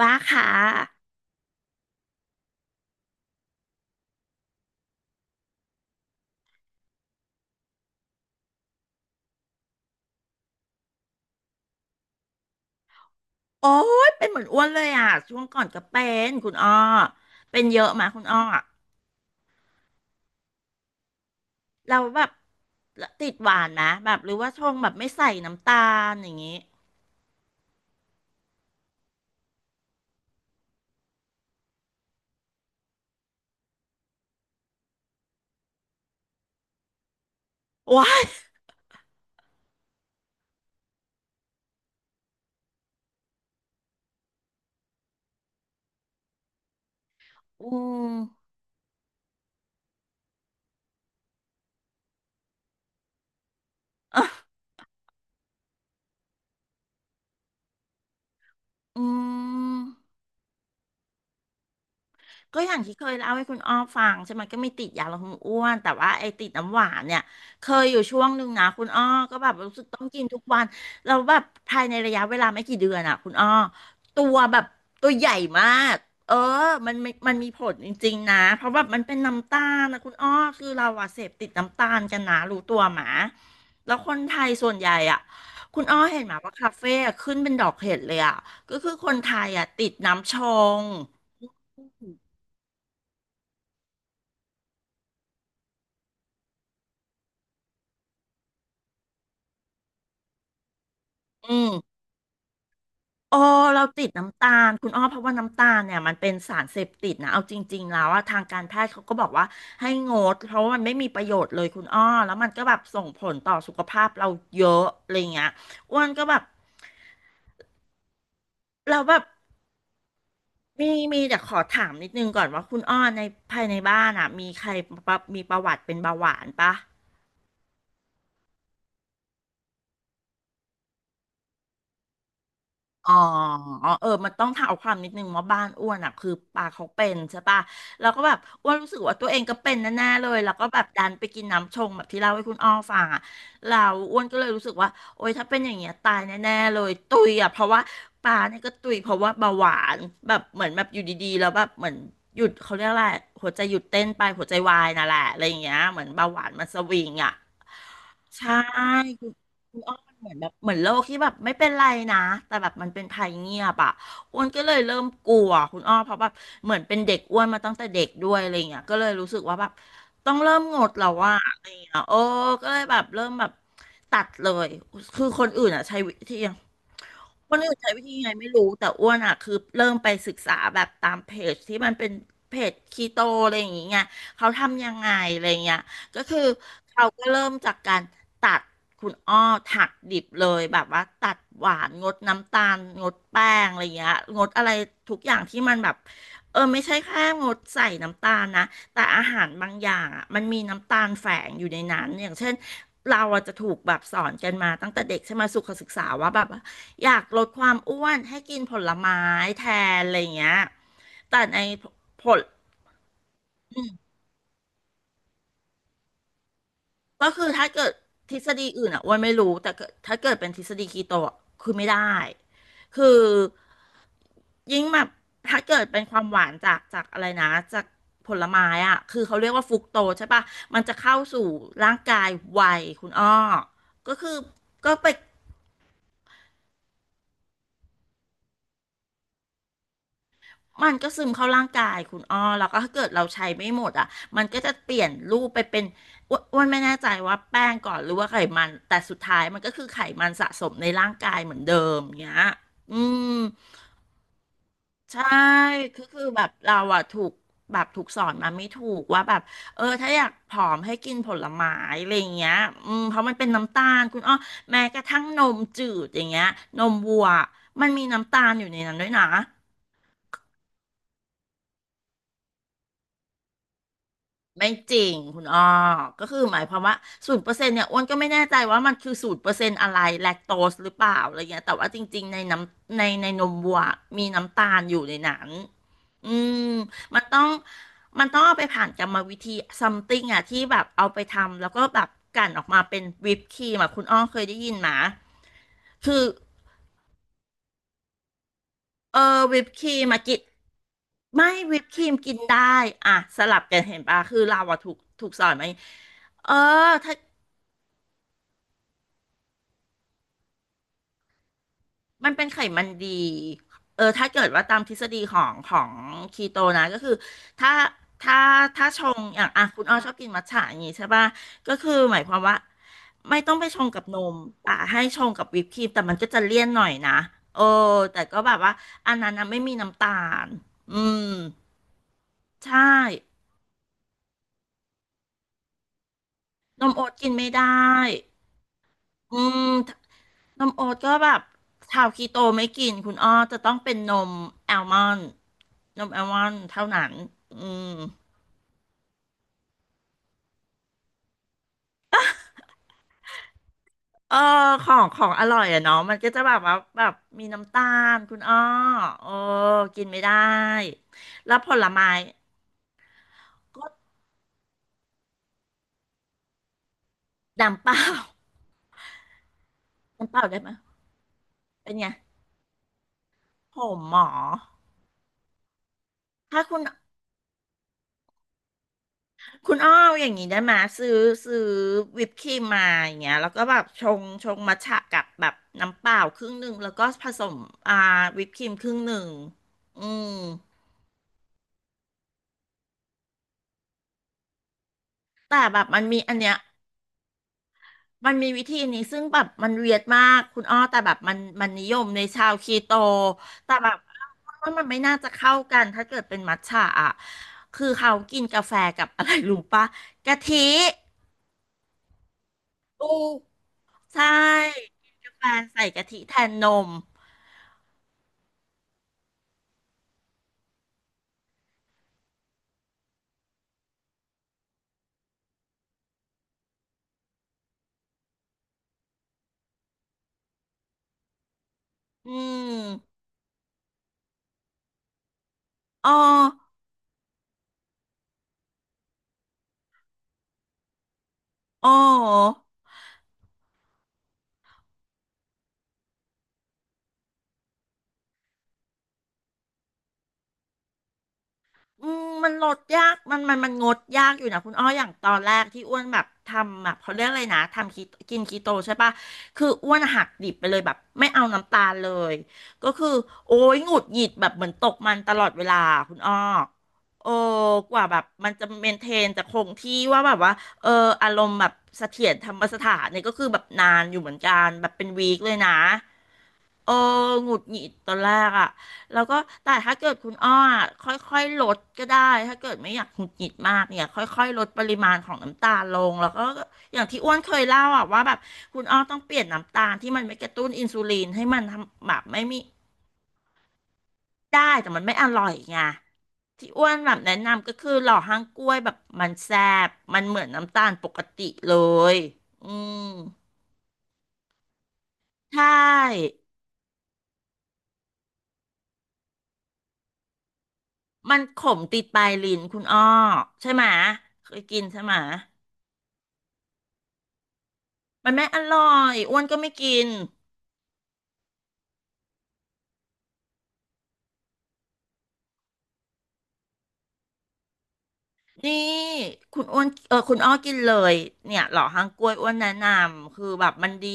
ว่าค่ะโอ้ยเป็นเหมือนอ้วนเลยอ่ะช่วงก่อนก็เป็นคุณอ้อเป็นเยอะมาคุณอ้อเราแบบติดหวานนะแบบหรือว่าชงแบบไม่ใส่น้ำตาลอย่างงี้ว้ายอืม อ่ะอืม ก็อย่างที่เคยเล่าให้คุณอ้อฟังใช่ไหมก็มีติดยาลดความอ้วนแต่ว่าไอ้ติดน้ำหวานเนี่ยเคยอยู่ช่วงหนึ่งนะคุณอ้อก็แบบรู้สึกต้องกินทุกวันเราแล้วแบบภายในระยะเวลาไม่กี่เดือนอ่ะคุณอ้อตัวแบบตัวใหญ่มากเออมันมีผลจริงๆนะเพราะแบบมันเป็นน้ำตาลนะคุณอ้อคือเราอะเสพติดน้ำตาลกันนะรู้ตัวหมาแล้วคนไทยส่วนใหญ่อ่ะคุณอ้อเห็นไหมาว่าคาเฟ่อะขึ้นเป็นดอกเห็ดเลยอ่ะก็คือคนไทยอ่ะติดน้ำชงอืม โอ้เราติดน้ำตาลคุณอ้อเพราะว่าน้ำตาลเนี่ยมันเป็นสารเสพติดนะเอาจริงๆแล้วอะทางการแพทย์เขาก็บอกว่าให้งดเพราะว่ามันไม่มีประโยชน์เลยคุณอ้อแล้วมันก็แบบส่งผลต่อสุขภาพเราเยอะอะไรเงี้ยอ้วนก็แบบเราแบบมีมีแต่ขอถามนิดนึงก่อนว่าคุณอ้อในภายในบ้านอะมีใครปะมีประวัติเป็นเบาหวานปะ อ๋อเออมันต้องเท้าความนิดนึงว่าบ้านอ้วนอ่ะคือปลาเขาเป็นใช่ปะแล้วก็แบบอ้วนรู้สึกว่าตัวเองก็เป็นแน่ๆเลยแล้วก็แบบดันไปกินน้ำชงแบบที่เล่าให้คุณอ้อฟังอ่ะแล้วอ้วนก็เลยรู้สึกว่าโอ๊ยถ้าเป็นอย่างเงี้ยตายแน่ๆเลยตุยอ่ะเพราะว่าปลาเนี่ยก็ตุยเพราะว่าเบาหวานแบบเหมือนแบบอยู่ดีๆแล้วแบบเหมือนหยุดเขาเรียกอะไรหัวใจหยุดเต้นไปหัวใจวายน่ะแหละอะไรอย่างเงี้ยเหมือนเบาหวานมันสวิงอ่ะ ใช่คุณคุณอ้อมันเหมือนแบบเหมือนโลกที่แบบไม่เป็นไรนะแต่แบบมันเป็นภัยเงียบอ่ะอ้วนก็เลยเริ่มกลัวคุณอ้อเพราะแบบเหมือนเป็นเด็กอ้วนมาตั้งแต่เด็กด้วยอะไรเงี้ยก็เลยรู้สึกว่าแบบต้องเริ่มงดแล้วว่าอะไรเงี้ยโอ้ก็เลยแบบเริ่มแบบตัดเลยคือคนอื่นอะใช้วิธี อ้วนอื่นใช้วิธียังไงไม่รู้แต่อ้วนอ่ะคือเริ่มไปศึกษาแบบตามเพจที่มันเป็นเพจคีโตอะไรอย่างเงี้ยเขาทำยังไงอะไรเงี้ยก็คือเขาก็เริ่มจากการตัดคุณอ้อถักดิบเลยแบบว่าตัดหวานงดน้ำตาลงดแป้งอะไรเงี้ยงดอะไรทุกอย่างที่มันแบบเออไม่ใช่แค่งดใส่น้ำตาลนะ แต่อาหารบางอย่างอ่ะมันมีน้ำตาลแฝงอยู่ในนั้นอย่างเช่นเราอะจจะถูกแบบสอนกันมาตั้งแต่เด็กใช่ไหมสุขศึกษาว่าแบบอยากลดความอ้วนให้กินผลไม้แทนอะไรอย่างเงี้ยแต่ในผล ก็คือถ้าเกิดทฤษฎีอื่นอ่ะอ้วนไม่รู้แต่เกิดถ้าเกิดเป็นทฤษฎีคีโตอะคือไม่ได้คือยิ่งแบบถ้าเกิดเป็นความหวานจากอะไรนะจากผลไม้อ่ะคือเขาเรียกว่าฟรุกโตใช่ปะมันจะเข้าสู่ร่างกายไวคุณอ้อก็คือก็ไป มันก็ซึมเข้าร่างกายคุณอ้อแล้วก็ถ้าเกิดเราใช้ไม่หมดอ่ะมันก็จะเปลี่ยนรูปไปเป็นอ้วนไม่แน่ใจว่าแป้งก่อนหรือว่าไขมันแต่สุดท้ายมันก็คือไขมันสะสมในร่างกายเหมือนเดิมเงี้ยอืมใช่คือแบบเราอะถูกแบบถูกสอนมาไม่ถูกว่าแบบเออถ้าอยากผอมให้กินผลไม้อะไรอย่างเงี้ยอืมเพราะมันเป็นน้ำตาลคุณอ้อแม้กระทั่งนมจืดอย่างเงี้ยนมวัวมันมีน้ำตาลอยู่ในนั้นด้วยนะ ไม่จริงคุณอ้อก็คือหมายความว่าศูนย์เปอร์เซ็นต์เนี่ยอ้วนก็ไม่แน่ใจว่ามันคือศูนย์เปอร์เซ็นต์อะไรแลคโตสหรือเปล่าอะไรเงี้ยแต่ว่าจริงๆในน้ำในในนมวัวมีน้ำตาลอยู่ในนั้นอืมมันต้องมันต้องเอาไปผ่านกรรมวิธีซัมติงอ่ะที่แบบเอาไปทำแล้วก็แบบกลั่นออกมาเป็นวิปครีมอ่ะคุณอ้อเคยได้ยินไหมคือเออวิปครีมมากินไม่วิปครีมกินได้อ่ะสลับกันเห็นปะคือเราอะถูกสอนไหมาอย่างงี้เออถ้า มันเป็นไขมันดี เออถ้าเกิดว่าตามทฤษฎีของคีโตนะก็คือถ้าถ้าถ้าชงอย่างอ่ะคุณอ้อชอบกินมัทฉะอย่างงี้ใช่ป่ะก็คือหมายความว่าไม่ต้องไปชงกับนมแต่ให้ชงกับวิปครีมแต่มันก็จะเลี่ยนหน่อยนะโอ้แต่ก็แบบว่าอันนั้นนะไม่มีน้ำตาล อืมใช่นมโอ๊ตกินไม่ได้ อืมนมโอ๊ตก็แบบชาวคีโตไม่กินคุณอ้อจะต้องเป็นนมแอลมอนด์นมแอลมอนด์เท่านั้น อืมเออของอร่อยอะเนาะมันก็จะแบบว่าแบบมีน้ำตาลคุณอ้อโอ้กินไม่ได้แล้วผลไม้ก็น้ำเปล่าน้ำเปล่าได้ไหมเป็นไงผมหมอถ้าคุณ คุณอ้ออย่างนี้ได้ไหมซื้อซื้อวิปครีมมาอย่างเงี้ยแล้วก็แบบชงมัทฉะกับแบบน้ำเปล่าครึ่งหนึ่งแล้วก็ผสมอ่าวิปครีมครึ่งหนึ่งอืมแต่แบบมันมีอันเนี้ยมันมีวิธีนี้ซึ่งแบบมันเวียดมากคุณอ้อแต่แบบมันนิยมในชาวคีโตแต่แบบว่ามันไม่น่าจะเข้ากันถ้าเกิดเป็นมัทฉะอ่ะคือเขากินกาแฟกับอะไรรู้ปะกะทิอูใช่กนกาแฟใส่กะทิแทนนม อืมอ้ออ้ออืม มันลดยากมันงดยากอยู่นะคุณอ้ออย่างตอนแรกที่อ้วนแบบทำแบบเขาเรียกอะไรนะ ทำคีกินคีโตใช่ปะคืออ้วนหักดิบไปเลยแบบไม่เอาน้ำตาลเลย ก็คือโอ้ยหงุดหงิดแบบเหมือนตกมันตลอดเวลาคุณอ้อโอ้กว่าแบบมันจะเมนเทนจะคงที่ว่าแบบว่าเอออารมณ์แบบเสถียรธรรมสถานเนี่ยก็คือแบบนานอยู่เหมือนกันแบบเป็นวีคเลยนะ เออหงุดหงิดตอนแรกอ่ะแล้วก็แต่ถ้าเกิดคุณอ้ออะค่อยๆลดก็ได้ถ้าเกิดไม่อยากหงุดหงิดมากเนี่ยค่อยๆลดปริมาณของน้ำตาลลงแล้วก็อย่างที่อ้วนเคยเล่าอ่ะว่าแบบคุณอ้อต้องเปลี่ยนน้ำตาลที่มันไม่กระตุ้นอินซูลินให้มันทำแบบไม่มีได้แต่มันไม่อร่อยไงที่อ้วนแบบแนะนำก็คือหล่อห้างกล้วยแบบมันแซ่บมันเหมือนน้ำตาลปกติเลยอืมใช่ มันขมติดปลายลิ้นคุณอ้อใช่ไหมะเคยกินใช่ไหมะมันไม่อร่อยอ้วนก็ไม่กินนี่คุณอ้วนเออคุณอ้อกินเลยเนี่ยหล่อฮังกล้วยอ้วนแนะนำคือแบบมันดี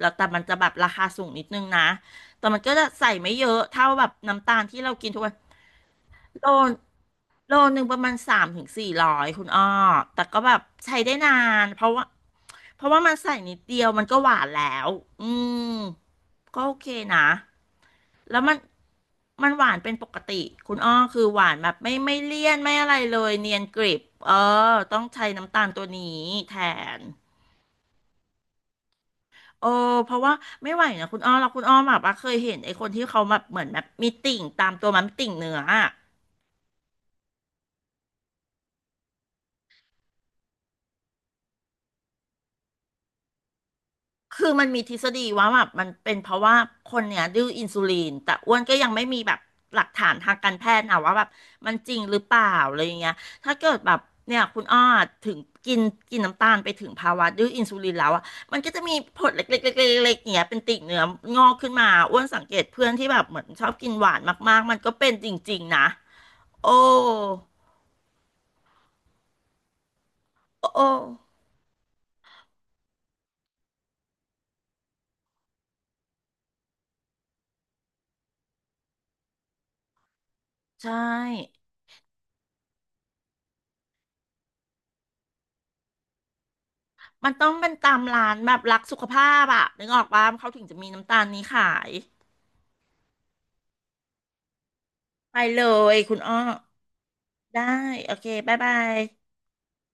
แล้วแต่มันจะแบบราคาสูงนิดนึงนะแต่มันก็จะใส่ไม่เยอะเท่าแบบน้ำตาลที่เรากินทุกวัน โลโลหนึ่งประมาณ300 ถึง 400คุณอ้อแต่ก็แบบใช้ได้นานเพราะว่าเพราะว่ามันใส่นิดเดียวมันก็หวานแล้วอืมก็โอเคนะแล้วมันหวานเป็นปกติคุณอ้อคือหวานแบบไม่เลี่ยนไม่อะไรเลยเนียนกริบเออต้องใช้น้ำตาลตัวนี้แทนโอ้เพราะว่าไม่ไหวนะคุณอ้อเราคุณอ้อแบบว่าเคยเห็นไอ้คนที่เขาแบบเหมือนแบบมีติ่งตามตัวมันมีติ่งเนื้ออะ คือมันมีทฤษฎีว่าแบบมันเป็นเพราะว่าคนเนี่ยดื้ออินซูลินแต่อ้วนก็ยังไม่มีแบบหลักฐานทางการแพทย์นะว่าแบบมันจริงหรือเปล่าอะไรอย่างเงี้ยถ้าเกิดแบบเนี่ยคุณอ้อถึงกินกินน้ำตาลไปถึงภาวะดื้ออินซูลินแล้วอ่ะมันก็จะมีผดเล็กๆๆๆๆอย่างเงี้ยเป็นติ่งเนื้องอกขึ้นมาอ้วนสังเกตเพื่อนที่แบบเหมือนชอบกินหวานมากๆมันก็เป็นจริงๆนะโอ้โอ้ใช่มันต้องเป็นตามร้านแบบรักสุขภาพอะนึกออกปะเขาถึงจะมีน้ำตาลนี้ขาย ไปเลยคุณอ้อได้โอเคบ๊ายบาย